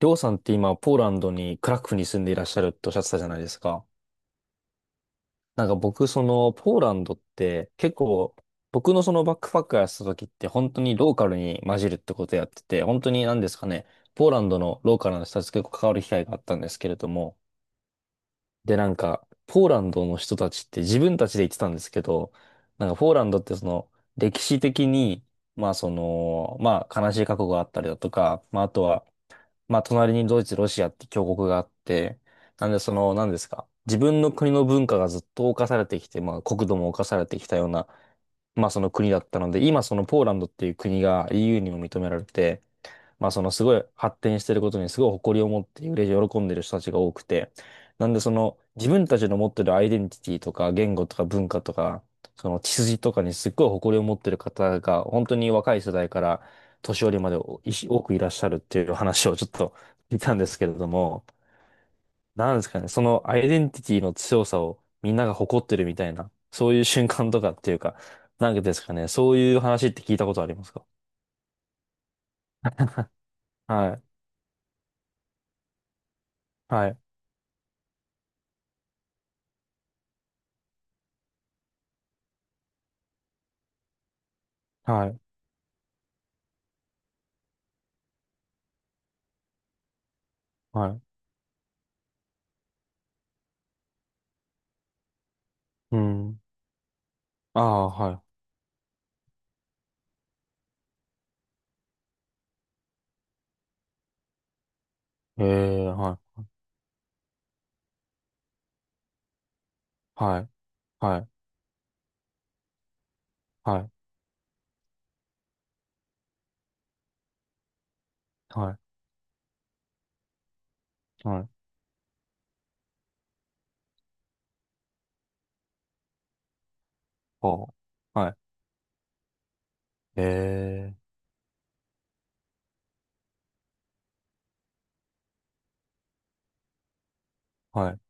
りょうさんって今、ポーランドに、クラクフに住んでいらっしゃるっておっしゃってたじゃないですか。なんか僕、ポーランドって結構、僕のそのバックパックやってた時って本当にローカルに混じるってことやってて、本当に何ですかね、ポーランドのローカルの人たちと結構関わる機会があったんですけれども、で、なんか、ポーランドの人たちって自分たちで言ってたんですけど、なんかポーランドってその、歴史的に、まあ悲しい過去があったりだとか、まああとは、まあ、隣にドイツ、ロシアって強国があって、なんでその、何ですか。自分の国の文化がずっと侵されてきて、まあ、国土も侵されてきたような、まあ、その国だったので、今そのポーランドっていう国が EU にも認められて、まあそのすごい発展してることにすごい誇りを持って嬉しい喜んでる人たちが多くて、なんでその自分たちの持ってるアイデンティティとか言語とか文化とか、その血筋とかにすっごい誇りを持ってる方が本当に若い世代から年寄りまでおいし多くいらっしゃるっていう話をちょっと聞いたんですけれども、なんですかね、そのアイデンティティの強さをみんなが誇ってるみたいな、そういう瞬間とかっていうか、なんかですかね、そういう話って聞いたことありますか？はい、はい、はい、はい。うん。ああ、はい。ええ、はい。はい。はい。はい。はい。はい。ほう。はい。ええ、はい。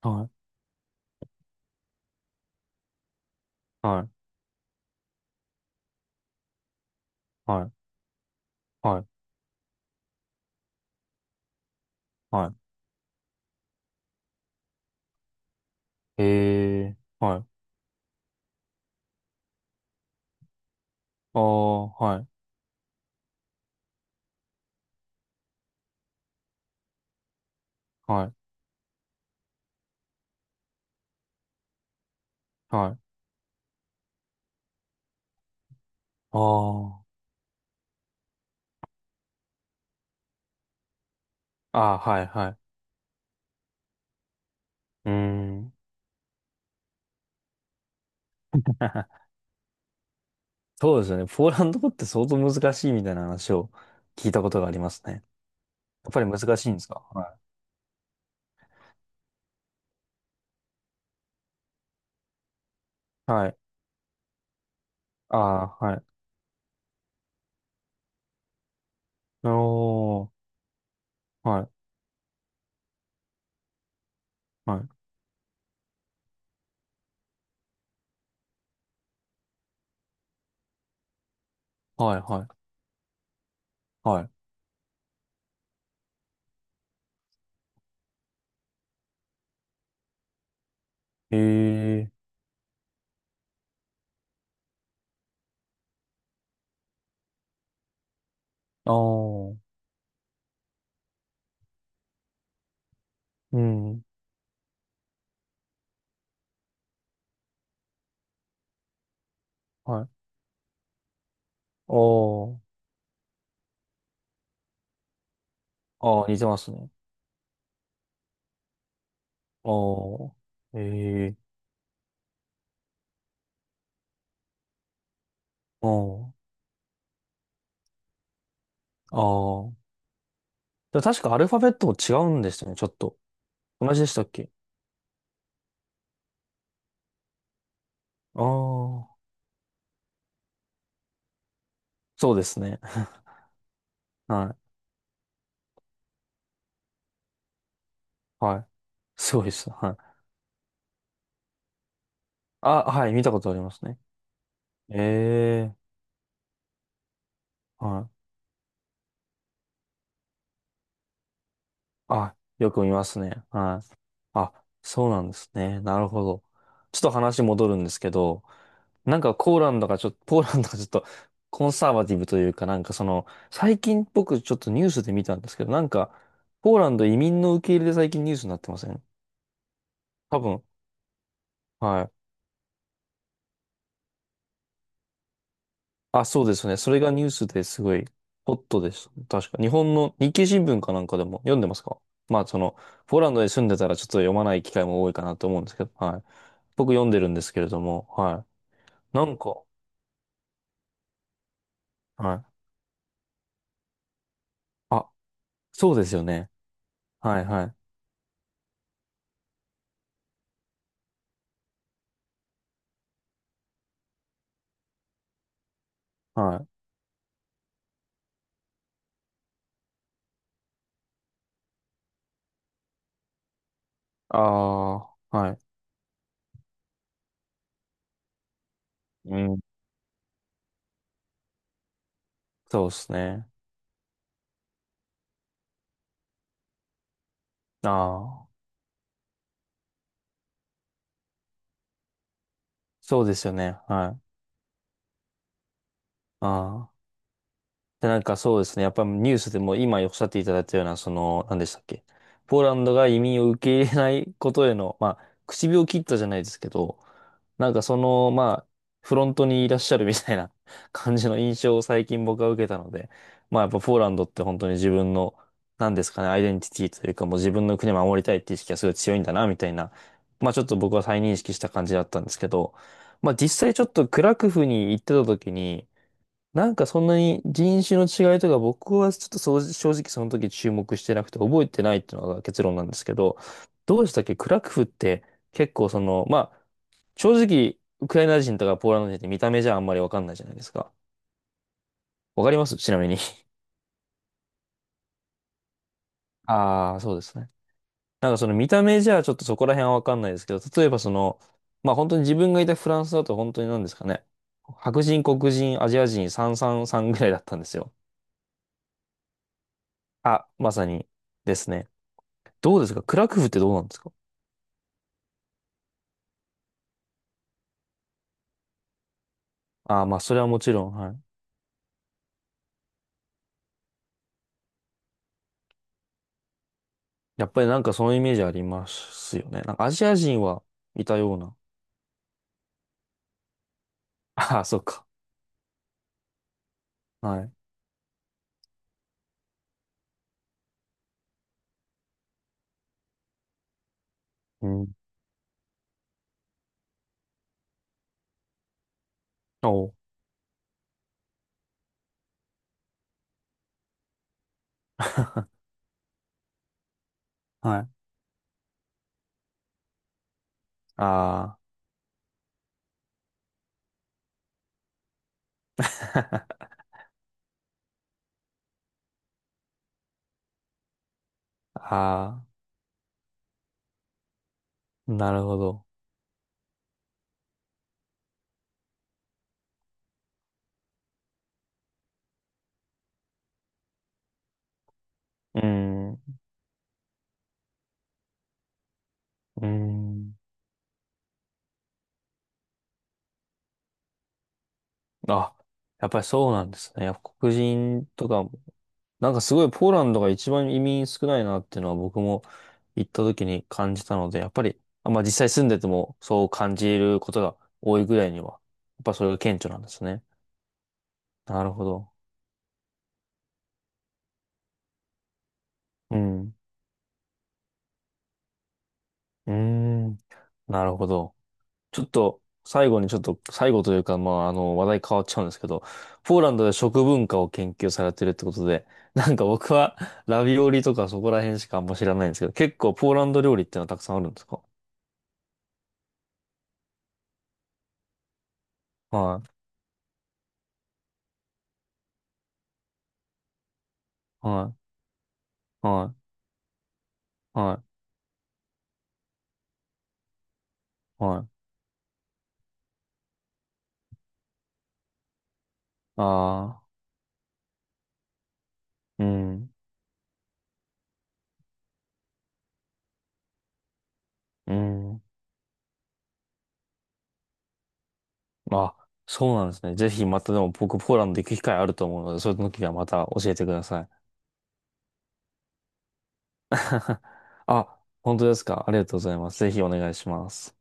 はい。はい。はい。はい。はい。ええ、はい。ああ、はい。はい。はい。ああ。ああ、はい。はい。うーん。そうですよね。ポーランド語って相当難しいみたいな話を聞いたことがありますね。やっぱり難しいんですか？はい。はい。ああ、はい。おー。はい。はい。はい。はい。はい。ええ、ああ。うん。はい。おー。ああ、似てますね。おー。ええー。おー。ああ。でも確かアルファベットも違うんですよね、ちょっと。同じでしたっけ？ああー。そうですね。はい。はい。すごいです。はい。あ、はい。見たことありますね。ええー。はい。あ、よく見ますね。はい。あ、そうなんですね。なるほど。ちょっと話戻るんですけど、なんかポーランドがちょっと、ポーランドがちょっとコンサーバティブというかなんかその、最近僕ちょっとニュースで見たんですけど、なんか、ポーランド移民の受け入れで最近ニュースになってません？多分、はい。あ、そうですね。それがニュースですごいホットです。確か。日本の日経新聞かなんかでも読んでますか？まあその、ポーランドに住んでたらちょっと読まない機会も多いかなと思うんですけど、はい。僕読んでるんですけれども、はい。なんか、はい。あ、そうですよね。はいはい。はい。ああ、はい。うん。そうですね。ああ、そうですよね。はい。ああ。で、なんかそうですね。やっぱニュースでも今おっしゃっていただいたような、その、何でしたっけ。ポーランドが移民を受け入れないことへの、まあ、唇を切ったじゃないですけど、なんかその、まあ、フロントにいらっしゃるみたいな 感じの印象を最近僕は受けたので、まあやっぱポーランドって本当に自分の、なんですかね、アイデンティティというかもう自分の国を守りたいっていう意識がすごい強いんだな、みたいな、まあちょっと僕は再認識した感じだったんですけど、まあ実際ちょっとクラクフに行ってた時に、なんかそんなに人種の違いとか僕はちょっとそう正直その時注目してなくて覚えてないっていうのが結論なんですけど、どうでしたっけクラクフって？結構その、まあ正直ウクライナ人とかポーランド人って見た目じゃあんまりわかんないじゃないですか。わかりますちなみに。ああ、そうですね。なんかその見た目じゃちょっとそこら辺はわかんないですけど、例えばその、まあ本当に自分がいたフランスだと本当に何ですかね。白人、黒人、アジア人、三三三ぐらいだったんですよ。あ、まさにですね。どうですかクラクフってどうなんですか？ああー、まあ、それはもちろん、はい。やっぱりなんかそのイメージありますよね。なんかアジア人はいたような。ああ、そうか。はい。うん。おう。はい。ああ、ああ、なるほど。うーん、うーん。あ、やっぱりそうなんですね。やっぱ黒人とかもなんかすごいポーランドが一番移民少ないなっていうのは僕も行った時に感じたので、やっぱり、あ、まあ実際住んでてもそう感じることが多いぐらいには、やっぱそれが顕著なんですね。なるほど。うん。うーん。なるほど。ちょっと最後にちょっと、最後というか、まああの話題変わっちゃうんですけど、ポーランドで食文化を研究されてるってことで、なんか僕はラビオリとかそこら辺しかあんま知らないんですけど、結構ポーランド料理ってのはたくさんあるんですか？はい。はい。はい。はい。はい。ああ、うん、うん。あ、そうなんですね。ぜひまたでも僕ポーランド行く機会あると思うので、そういう時はまた教えてください。あ、本当ですか。ありがとうございます。ぜひお願いします。